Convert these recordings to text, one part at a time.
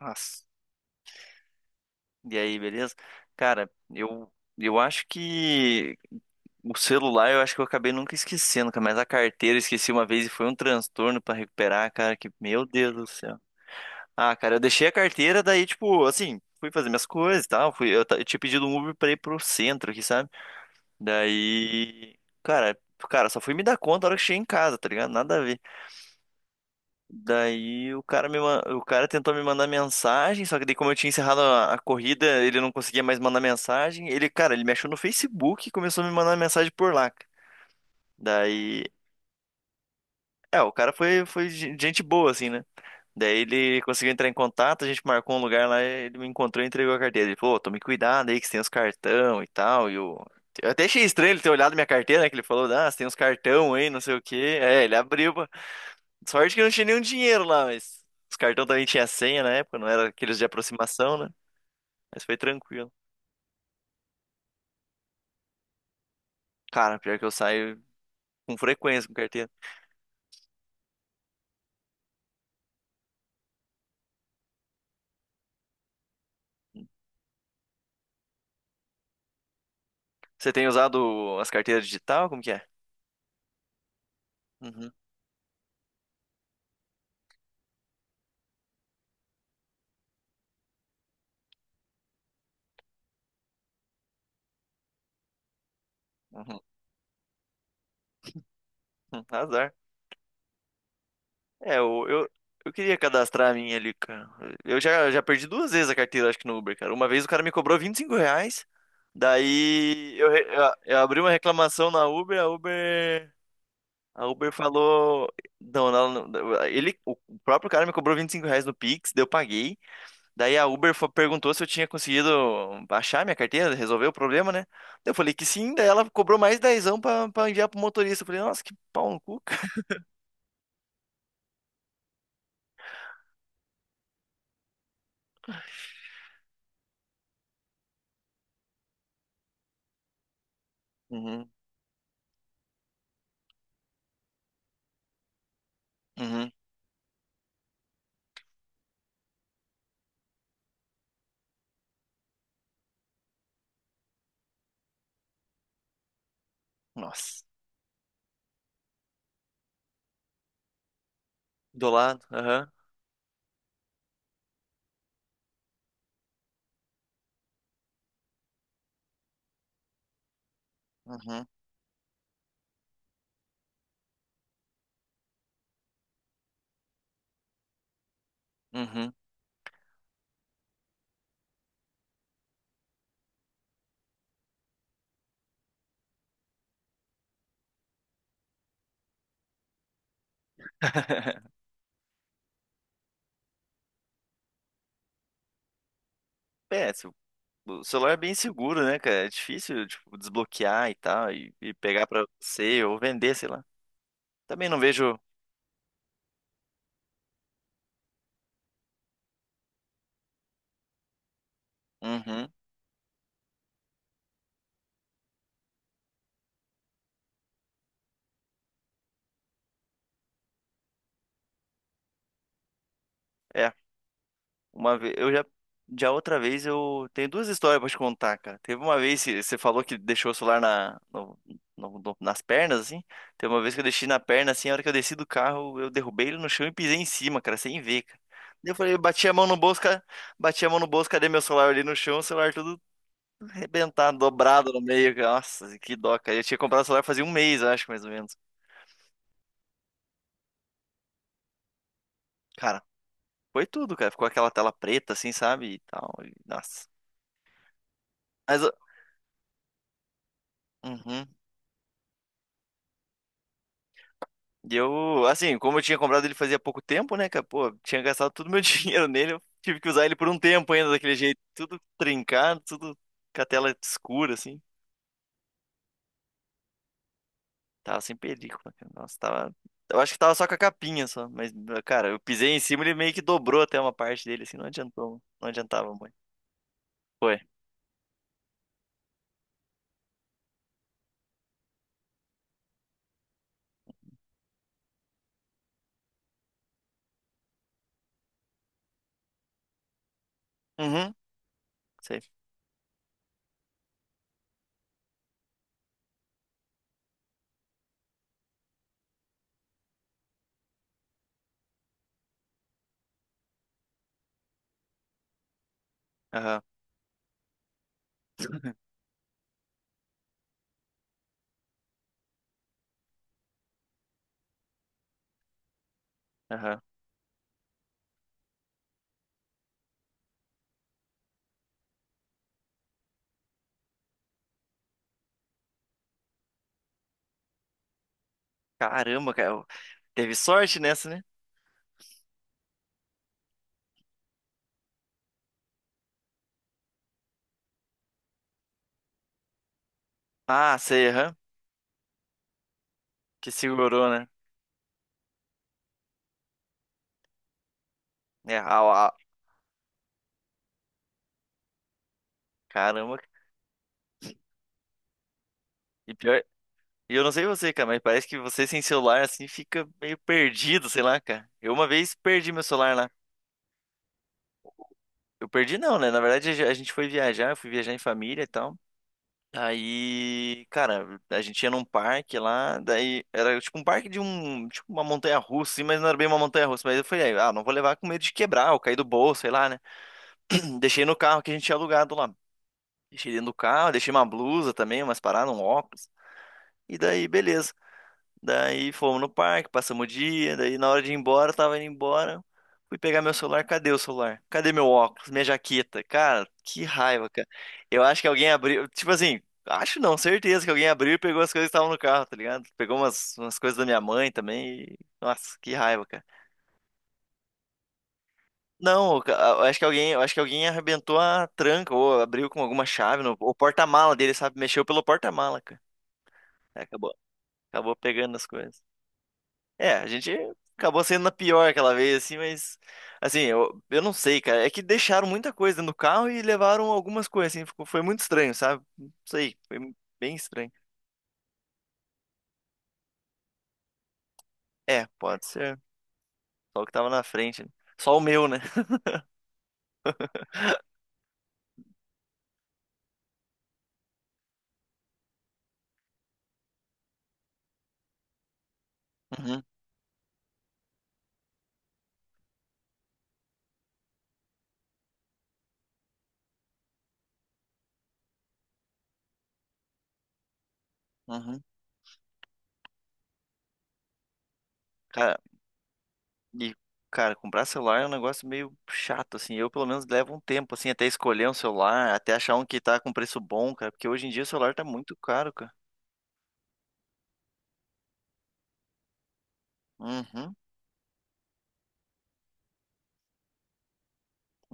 Nossa. E aí, beleza? Cara, eu acho que o celular eu acho que eu acabei nunca esquecendo, cara, mas a carteira eu esqueci uma vez e foi um transtorno pra recuperar, cara, que meu Deus do céu. Ah, cara, eu deixei a carteira, daí, tipo, assim, fui fazer minhas coisas e tal, eu tinha pedido um Uber pra ir pro centro aqui, sabe? Daí, cara, cara, só fui me dar conta na hora que cheguei em casa, tá ligado? Nada a ver. Daí o cara tentou me mandar mensagem, só que daí como eu tinha encerrado a corrida, ele não conseguia mais mandar mensagem. Ele, cara, ele me achou no Facebook e começou a me mandar mensagem por lá. Daí, é, o cara foi gente boa assim, né? Daí ele conseguiu entrar em contato, a gente marcou um lugar lá, ele me encontrou e entregou a carteira. Ele falou, "Ô, tome cuidado aí que você tem os cartão e tal, e o." Eu até achei estranho ele ter olhado minha carteira, né? Que ele falou, ah, você tem uns cartão aí, não sei o quê. É, ele abriu. Sorte que não tinha nenhum dinheiro lá, mas os cartões também tinha senha na época, não era aqueles de aproximação, né? Mas foi tranquilo. Cara, pior que eu saio com frequência com carteira. Você tem usado as carteiras digital? Como que é? Uhum, uhum, uhum, azar. É, eu queria cadastrar a minha ali, cara. Eu já, já perdi duas vezes a carteira, acho que no Uber, cara. Uma vez o cara me cobrou R$ 25, daí eu abri uma reclamação na Uber, a Uber. A Uber falou. Não, não, não, ele, o próprio cara me cobrou R$ 25 no Pix, daí eu paguei. Daí a Uber perguntou se eu tinha conseguido achar minha carteira, resolver o problema, né? Daí eu falei que sim, daí ela cobrou mais dezão pra, pra enviar pro motorista. Eu falei, nossa, que pau no cu, cara. Uhum, uhum, nossa. Do lado, aham, uhum, uhum. É, o celular é bem seguro, né, cara? É difícil, tipo, desbloquear e tal, e pegar pra você ou vender, sei lá. Também não vejo. Uhum, é. Uma vez, eu já, já outra vez eu tenho duas histórias pra te contar, cara. Teve uma vez que você falou que deixou o celular na, no- no- no- nas pernas, assim. Teve uma vez que eu deixei na perna, assim, a hora que eu desci do carro, eu derrubei ele no chão e pisei em cima, cara, sem ver, cara. Daí eu falei, bati a mão no bolso, cara, bati a mão no bolso, cadê meu celular ali no chão? O celular tudo arrebentado, dobrado no meio, cara. Nossa, que dó, cara. Eu tinha comprado o celular fazia um mês, eu acho, mais ou menos. Cara, foi tudo, cara. Ficou aquela tela preta, assim, sabe? E tal. Nossa. Mas, eu- uhum. E eu, assim, como eu tinha comprado ele fazia pouco tempo, né, cara? Pô, tinha gastado todo o meu dinheiro nele, eu tive que usar ele por um tempo ainda daquele jeito, tudo trincado, tudo com a tela escura, assim. Tava sem película, cara. Nossa, tava. Eu acho que tava só com a capinha só, mas, cara, eu pisei em cima e ele meio que dobrou até uma parte dele, assim, não adiantou, não adiantava muito. Foi. Uhum, sei. Aham, aham. Caramba, cara, teve sorte nessa, né? Ah, sei, aham. Que segurou, né? É, caramba. E pior, e eu não sei você, cara, mas parece que você sem celular assim fica meio perdido, sei lá, cara. Eu uma vez perdi meu celular lá. Eu perdi não, né? Na verdade a gente foi viajar, eu fui viajar em família e tal. Aí, cara, a gente ia num parque lá, daí era tipo um parque de um, tipo uma montanha russa, assim, mas não era bem uma montanha russa, mas eu falei, ah, não vou levar com medo de quebrar, ou cair do bolso, sei lá, né? Deixei no carro que a gente tinha alugado lá. Deixei dentro do carro, deixei uma blusa também, umas paradas, um óculos. E daí, beleza. Daí fomos no parque, passamos o dia. Daí na hora de ir embora, eu tava indo embora. Fui pegar meu celular. Cadê o celular? Cadê meu óculos? Minha jaqueta? Cara, que raiva, cara. Eu acho que alguém abriu. Tipo assim, acho não, certeza que alguém abriu e pegou as coisas que estavam no carro, tá ligado? Pegou umas coisas da minha mãe também. Nossa, que raiva, cara. Não, eu acho que alguém arrebentou a tranca ou abriu com alguma chave no, o porta-mala dele, sabe? Mexeu pelo porta-mala, cara. Aí acabou pegando as coisas. É, a gente acabou sendo na pior aquela vez, assim, mas. Assim, eu não sei, cara. É que deixaram muita coisa no carro e levaram algumas coisas, assim. Ficou, foi muito estranho, sabe? Não sei, foi bem estranho. É, pode ser. Só o que tava na frente, né? Só o meu, né? Uhum, uhum. Cara, e, cara, comprar celular é um negócio meio chato, assim. Eu, pelo menos, levo um tempo, assim, até escolher um celular, até achar um que tá com preço bom, cara. Porque hoje em dia o celular tá muito caro, cara. Uhum,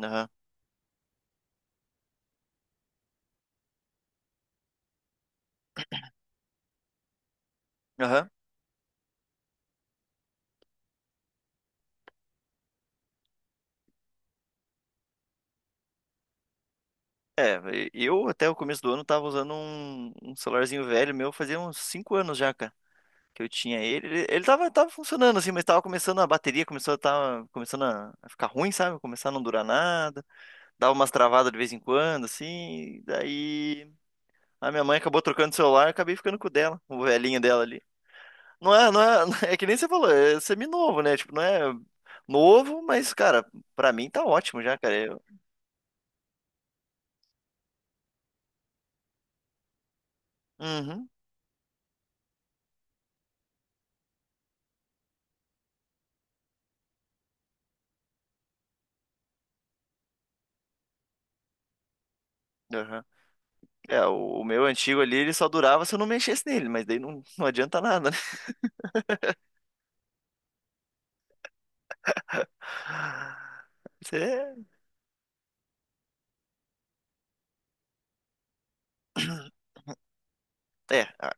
aham. Aham. É, eu até o começo do ano tava usando um, um celularzinho velho meu, fazia uns 5 anos já, cara, que eu tinha ele. Ele tava, tava funcionando assim, mas tava começando a bateria, começou a, tava, começando a ficar ruim, sabe? Começar a não durar nada, dava umas travadas de vez em quando, assim. Daí a minha mãe acabou trocando o celular, eu acabei ficando com o dela, o velhinho dela ali. Não é, não é, é que nem você falou, é semi-novo, né? Tipo, não é novo, mas, cara, pra mim tá ótimo já, cara. Eu, uhum, aham. É, o meu antigo ali, ele só durava se eu não mexesse nele, mas daí não, não adianta nada, né? Você- É, é, ah,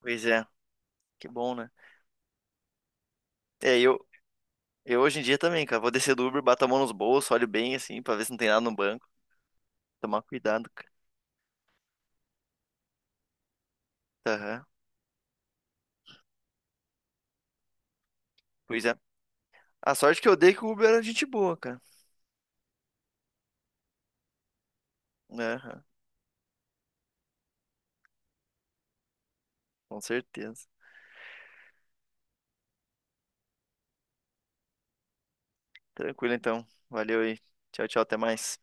pois é, que bom, né? É, eu hoje em dia também, cara, vou descer do Uber, bato a mão nos bolsos, olho bem assim, pra ver se não tem nada no banco. Tomar cuidado, cara. Aham, pois é. A sorte que eu dei que o Uber era gente boa, cara. Aham, com certeza. Tranquilo então, valeu aí. Tchau, tchau, até mais.